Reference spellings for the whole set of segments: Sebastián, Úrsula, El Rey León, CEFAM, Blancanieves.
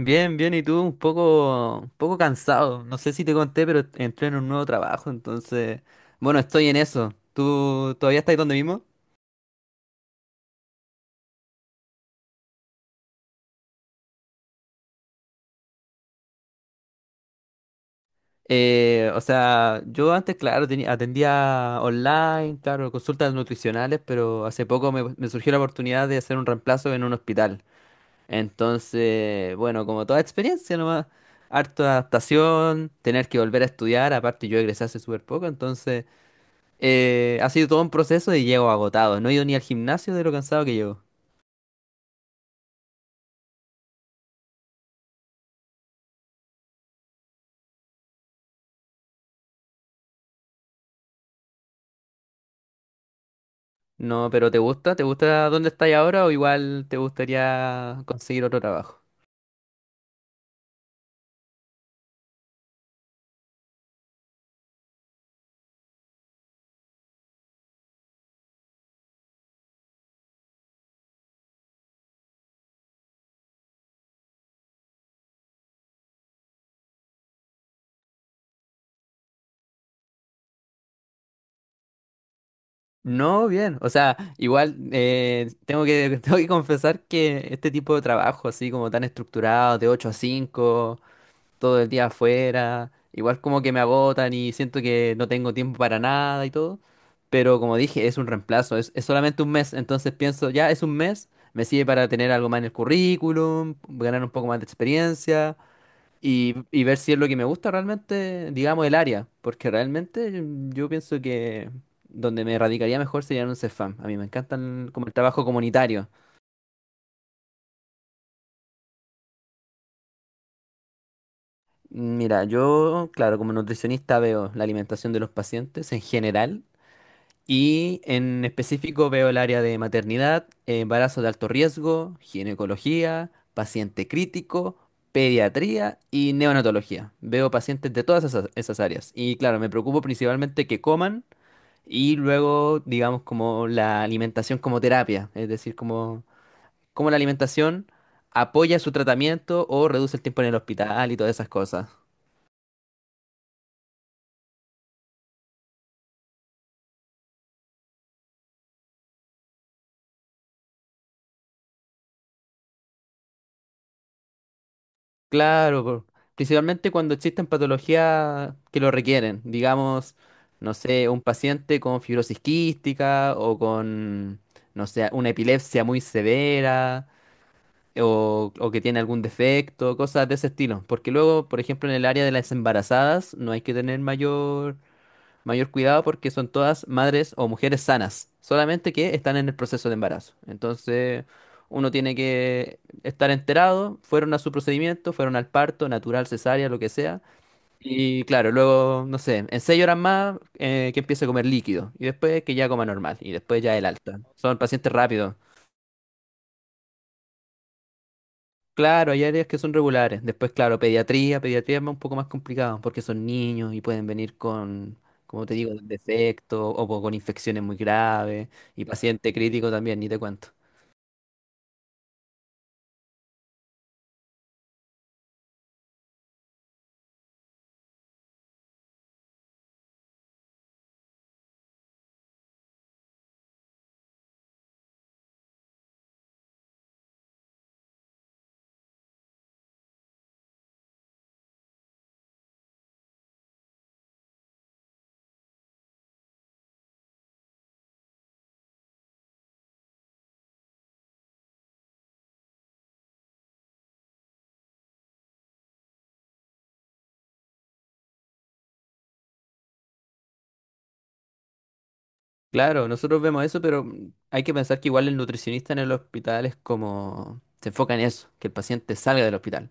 Bien, bien, y tú un poco cansado. No sé si te conté, pero entré en un nuevo trabajo, entonces, bueno, estoy en eso. ¿Tú todavía estás donde mismo? O sea, yo antes, claro, atendía online, claro, consultas nutricionales, pero hace poco me surgió la oportunidad de hacer un reemplazo en un hospital. Entonces, bueno, como toda experiencia nomás, harta adaptación, tener que volver a estudiar, aparte yo egresé hace súper poco. Ha sido todo un proceso y llego agotado. No he ido ni al gimnasio de lo cansado que llego. No, pero ¿te gusta? ¿Te gusta dónde estás ahora o igual te gustaría conseguir otro trabajo? No, bien. O sea, igual tengo que, tengo que confesar que este tipo de trabajo, así como tan estructurado, de 8 a 5, todo el día afuera, igual como que me agotan y siento que no tengo tiempo para nada y todo, pero como dije, es un reemplazo, es solamente un mes, entonces pienso, ya es un mes, me sirve para tener algo más en el currículum, ganar un poco más de experiencia y ver si es lo que me gusta realmente, digamos, el área, porque realmente yo pienso que. Donde me radicaría mejor sería en un CEFAM. A mí me encantan como el trabajo comunitario. Mira, yo, claro, como nutricionista veo la alimentación de los pacientes en general. Y en específico veo el área de maternidad, embarazo de alto riesgo, ginecología, paciente crítico, pediatría y neonatología. Veo pacientes de todas esas áreas. Y claro, me preocupo principalmente que coman y luego, digamos, como la alimentación como terapia, es decir, como la alimentación apoya su tratamiento o reduce el tiempo en el hospital y todas esas cosas. Claro, principalmente cuando existen patologías que lo requieren, digamos, no sé, un paciente con fibrosis quística o con, no sé, una epilepsia muy severa o, que tiene algún defecto, cosas de ese estilo. Porque luego, por ejemplo, en el área de las embarazadas no hay que tener mayor cuidado porque son todas madres o mujeres sanas, solamente que están en el proceso de embarazo. Entonces, uno tiene que estar enterado, fueron a su procedimiento, fueron al parto, natural, cesárea, lo que sea. Y claro, luego, no sé, en 6 horas más que empiece a comer líquido y después que ya coma normal y después ya el alta. Son pacientes rápidos. Claro, hay áreas que son regulares. Después, claro, pediatría, pediatría es un poco más complicado porque son niños y pueden venir con, como te digo, defectos o con infecciones muy graves y paciente crítico también, ni te cuento. Claro, nosotros vemos eso, pero hay que pensar que igual el nutricionista en el hospital es como, se enfoca en eso, que el paciente salga del hospital.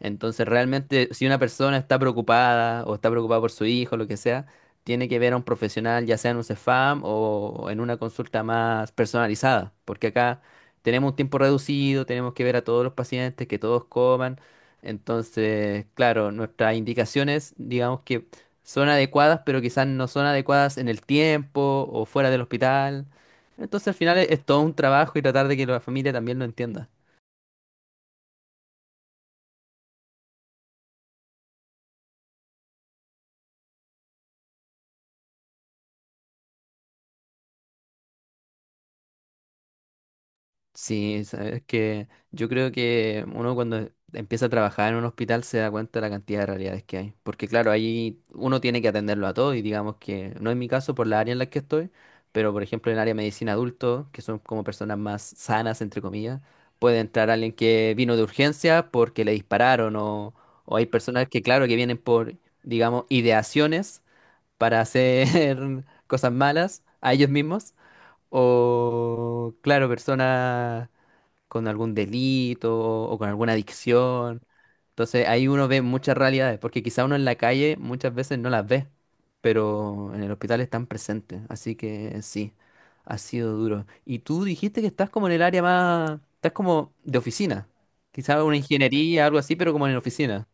Entonces, realmente, si una persona está preocupada o está preocupada por su hijo, lo que sea, tiene que ver a un profesional, ya sea en un CEFAM o en una consulta más personalizada, porque acá tenemos un tiempo reducido, tenemos que ver a todos los pacientes, que todos coman. Entonces, claro, nuestras indicaciones, digamos que son adecuadas, pero quizás no son adecuadas en el tiempo o fuera del hospital. Entonces, al final es todo un trabajo y tratar de que la familia también lo entienda. Sí, sabes que yo creo que uno cuando empieza a trabajar en un hospital se da cuenta de la cantidad de realidades que hay. Porque claro, ahí uno tiene que atenderlo a todo y digamos que no es mi caso por la área en la que estoy, pero por ejemplo en el área de medicina adulto, que son como personas más sanas, entre comillas, puede entrar alguien que vino de urgencia porque le dispararon o, hay personas que claro que vienen por, digamos, ideaciones para hacer cosas malas a ellos mismos o claro, personas con algún delito o con alguna adicción. Entonces ahí uno ve muchas realidades, porque quizá uno en la calle muchas veces no las ve, pero en el hospital están presentes. Así que sí, ha sido duro. Y tú dijiste que estás como en el área más, estás como de oficina, quizá una ingeniería, algo así, pero como en la oficina.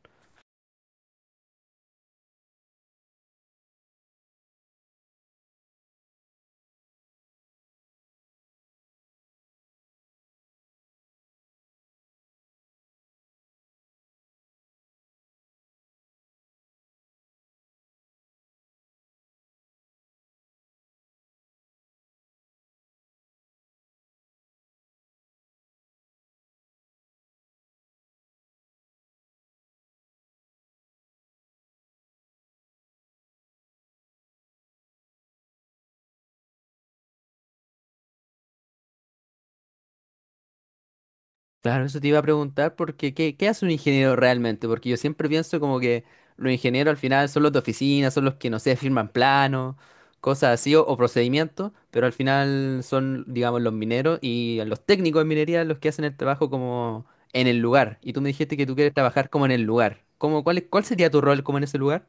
Claro, eso te iba a preguntar porque ¿qué hace un ingeniero realmente? Porque yo siempre pienso como que los ingenieros al final son los de oficina, son los que, no sé, firman planos, cosas así, o, procedimientos, pero al final son, digamos, los mineros y los técnicos de minería los que hacen el trabajo como en el lugar. Y tú me dijiste que tú quieres trabajar como en el lugar. ¿Cómo, cuál, cuál sería tu rol como en ese lugar?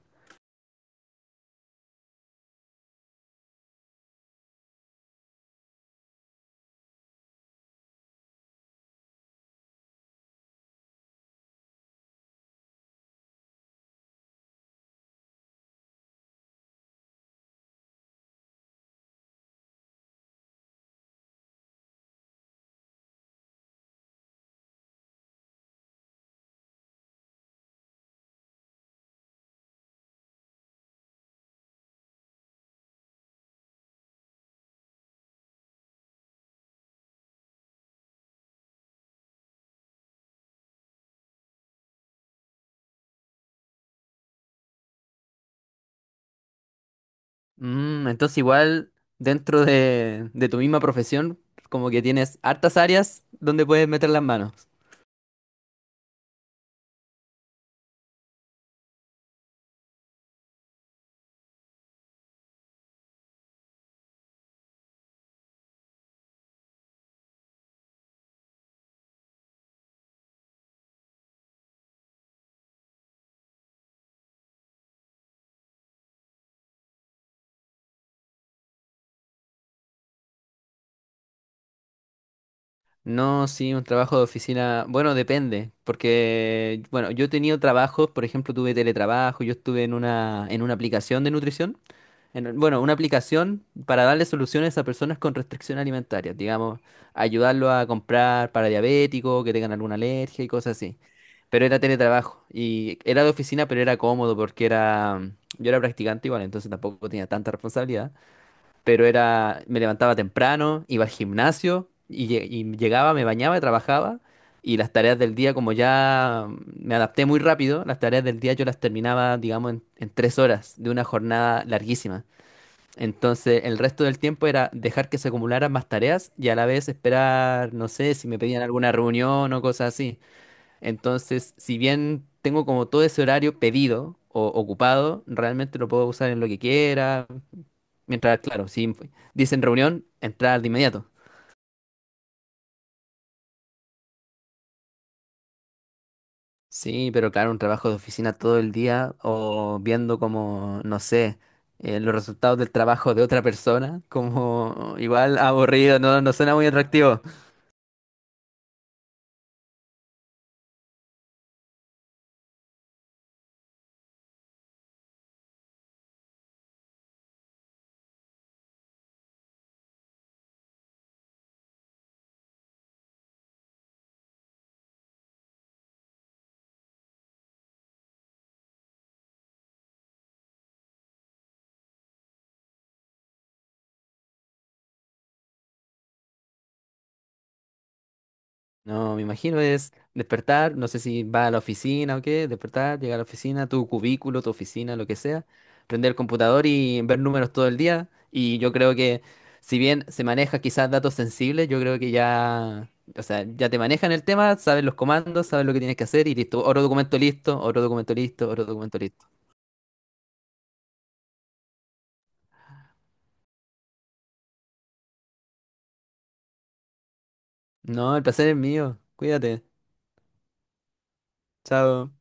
Entonces igual dentro de tu misma profesión, como que tienes hartas áreas donde puedes meter las manos. No, sí, un trabajo de oficina, bueno, depende, porque, bueno, yo he tenido trabajos, por ejemplo, tuve teletrabajo, yo estuve en una aplicación de nutrición, bueno, una aplicación para darle soluciones a personas con restricción alimentaria, digamos, ayudarlo a comprar para diabéticos, que tengan alguna alergia y cosas así. Pero era teletrabajo y era de oficina, pero era cómodo porque era, yo era practicante igual, entonces tampoco tenía tanta responsabilidad, pero era, me levantaba temprano, iba al gimnasio y, y llegaba, me bañaba, trabajaba, y las tareas del día, como ya me adapté muy rápido, las tareas del día yo las terminaba, digamos, en 3 horas de una jornada larguísima. Entonces, el resto del tiempo era dejar que se acumularan más tareas y a la vez esperar, no sé, si me pedían alguna reunión o cosas así. Entonces, si bien tengo como todo ese horario pedido o ocupado, realmente lo puedo usar en lo que quiera. Mientras, claro, si dicen reunión, entrar de inmediato. Sí, pero claro, un trabajo de oficina todo el día o viendo como, no sé, los resultados del trabajo de otra persona, como igual aburrido, no, no suena muy atractivo. No, me imagino es despertar, no sé si va a la oficina o qué, despertar, llegar a la oficina, tu cubículo, tu oficina, lo que sea, prender el computador y ver números todo el día. Y yo creo que si bien se maneja quizás datos sensibles, yo creo que ya, o sea, ya te manejan el tema, sabes los comandos, sabes lo que tienes que hacer y listo. Otro documento listo, otro documento listo, otro documento listo. No, el placer es mío. Cuídate. Chao.